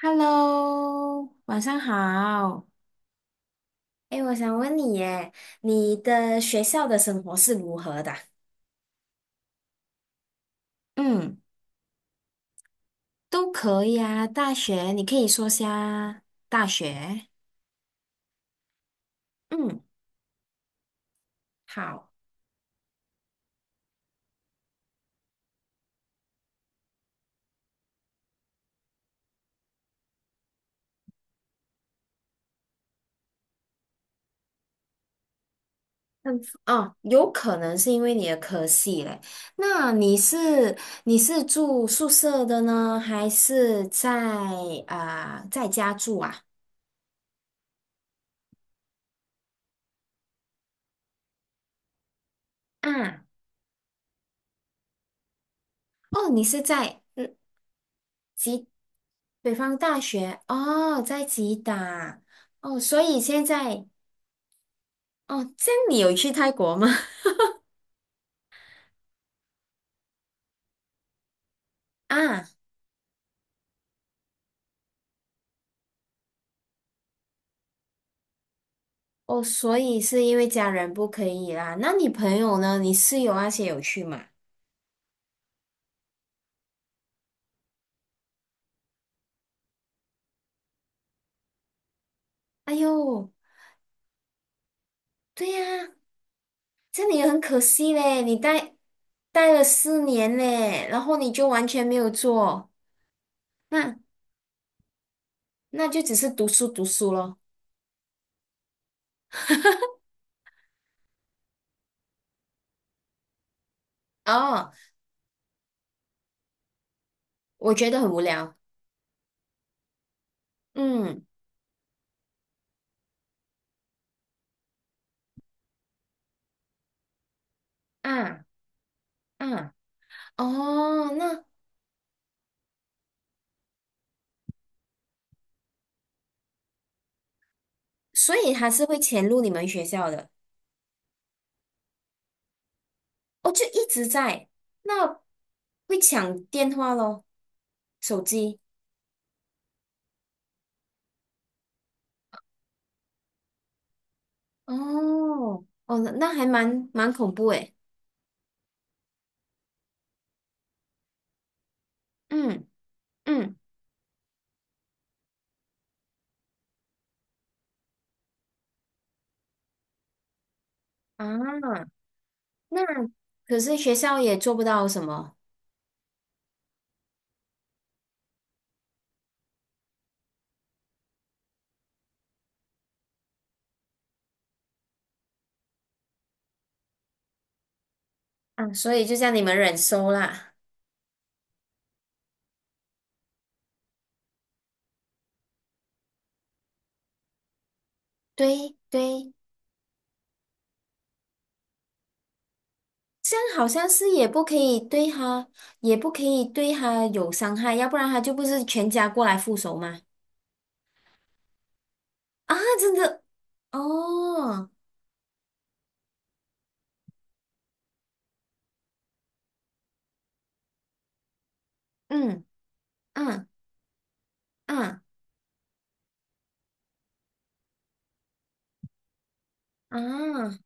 Hello，晚上好。哎，我想问你耶，你的学校的生活是如何的啊？嗯，都可以啊。大学，你可以说下大学。嗯，好。嗯。哦，有可能是因为你的科系嘞。那你是住宿舍的呢，还是在家住啊？啊，哦，你是在。嗯。北方大学哦，在吉打。哦，所以现在哦，这样你有去泰国吗？啊。哦，所以是因为家人不可以啦。那你朋友呢？你室友那些有去吗？哎呦，对呀，这样你很可惜嘞，你待了4年嘞，然后你就完全没有做。那那就只是读书读书咯。哦，我觉得很无聊。嗯，啊啊，哦，那。所以他是会潜入你们学校的？哦，就一直在。那会抢电话咯？手机？哦，哦，那还蛮恐怖诶。嗯嗯，啊，那可是学校也做不到什么。啊，所以就叫你们忍受啦。对对，这样好像是也不可以对他，也不可以对他有伤害，要不然他就不是全家过来复仇吗？啊，真的，哦，嗯嗯。嗯，啊，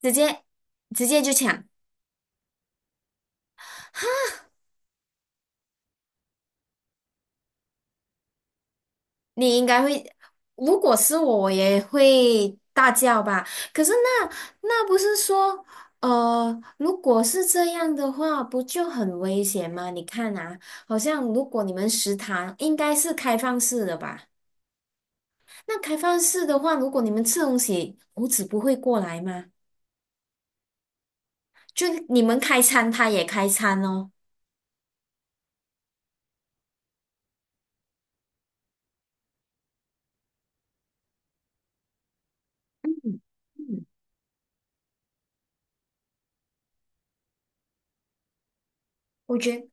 直接直接就抢。你应该会。如果是我，我也会大叫吧。可是那不是说，如果是这样的话，不就很危险吗？你看啊，好像如果你们食堂应该是开放式的吧？那开放式的话，如果你们吃东西，猴子不会过来吗？就你们开餐，他也开餐哦。嗯，我觉得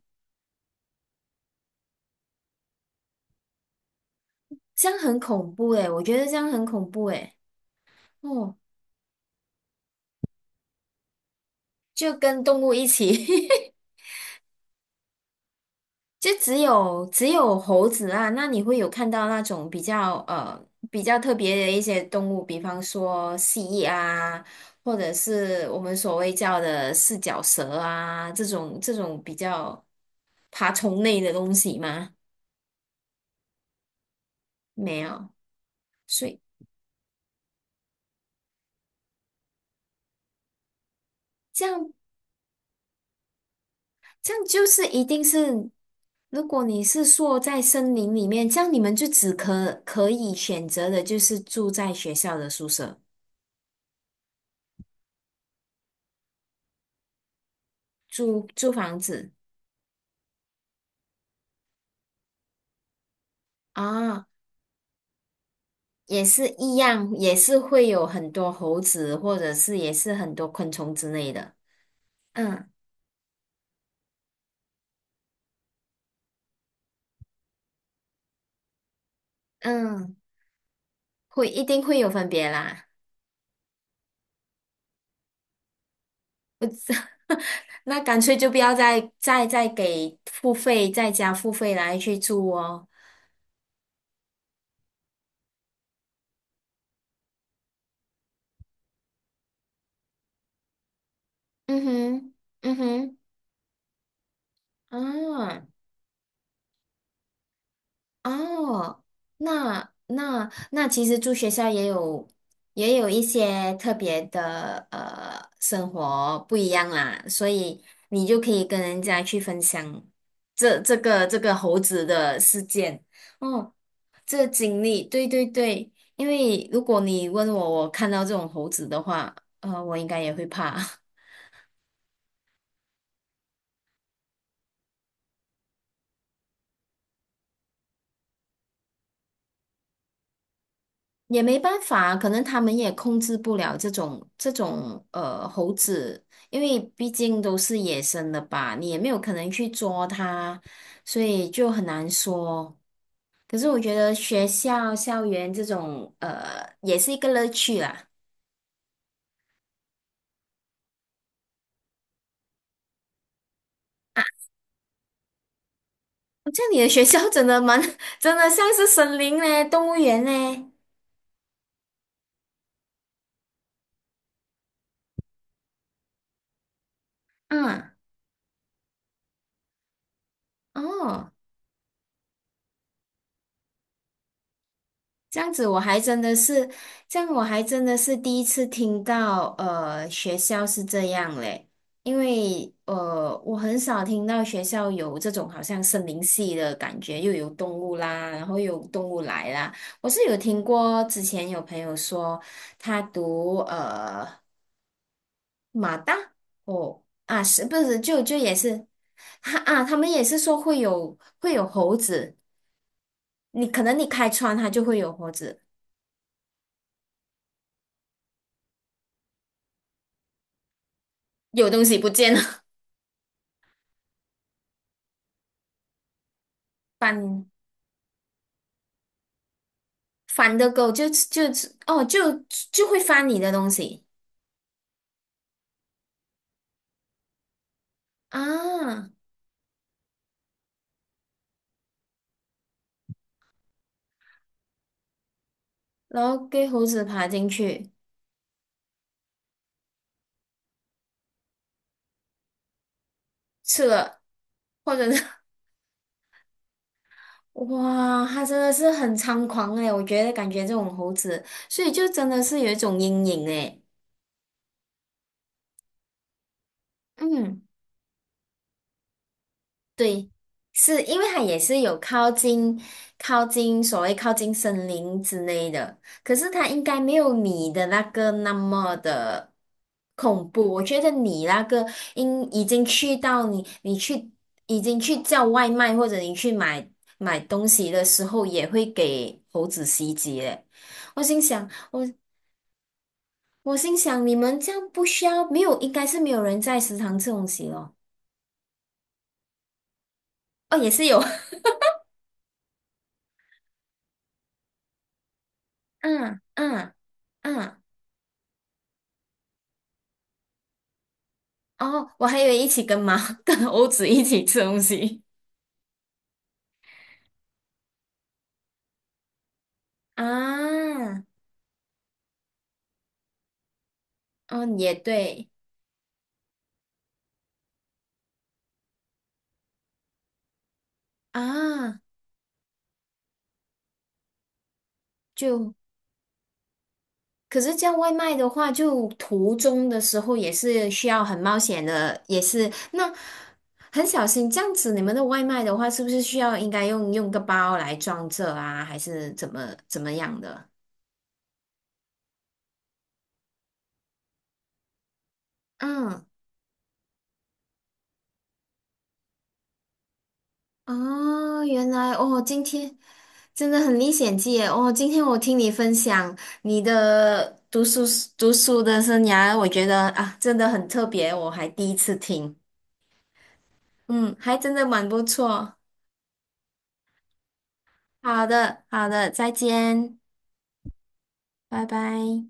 这样很恐怖诶，我觉得这样很恐怖诶。哦。就跟动物一起，就只有猴子啊。那你会有看到那种比较特别的一些动物，比方说蜥蜴啊，或者是我们所谓叫的四脚蛇啊，这种比较爬虫类的东西吗？没有。所以这样这样就是一定是。如果你是说在森林里面，这样你们就只可以选择的就是住在学校的宿舍。租房子啊，也是一样，也是会有很多猴子，或者是也是很多昆虫之类的。嗯嗯，一定会有分别啦。那干脆就不要再给付费，再加付费来去住哦。嗯哼，嗯哼，啊。哦，那其实住学校也有一些特别的生活不一样啦，所以你就可以跟人家去分享这个猴子的事件。哦，这个经历。对对对，因为如果你问我看到这种猴子的话，我应该也会怕。也没办法，可能他们也控制不了这种猴子，因为毕竟都是野生的吧，你也没有可能去捉它，所以就很难说。可是我觉得学校校园这种也是一个乐趣啦。好像你的学校真的蛮 真的像是森林嘞，动物园嘞。嗯，哦。这样子我还真的是，这样我还真的是第一次听到。学校是这样嘞。因为我很少听到学校有这种好像森林系的感觉，又有动物啦，然后又有动物来啦。我是有听过，之前有朋友说他读马大。哦，啊，是不是就也是，他们也是说会有猴子。你可能你开窗它就会有猴子。有东西不见了。反反的狗就就哦就就会翻你的东西啊，然后给猴子爬进去吃了，或者是 哇，它真的是很猖狂诶，我觉得感觉这种猴子，所以就真的是有一种阴影诶。嗯。对，是因为它也是有靠近靠近所谓靠近森林之类的，可是它应该没有你的那个那么的恐怖。我觉得你那个应已经去到你你去已经去叫外卖或者你去买东西的时候，也会给猴子袭击嘞。我心想，我我心想，你们这样不需要，没有，应该是没有人在食堂吃东西咯。哦，也是有。嗯嗯嗯。哦，我还以为一起跟猫、跟欧子一起吃东西啊。嗯，也对啊。就可是叫外卖的话，就途中的时候也是需要很冒险的，也是很小心。这样子，你们的外卖的话，是不是需要应该用个包来装着啊，还是怎么样的？嗯。哦，原来哦，今天真的很历险记耶！哦，今天我听你分享你的读书的生涯，我觉得啊，真的很特别，我还第一次听，嗯，还真的蛮不错。好的，好的，再见，拜拜。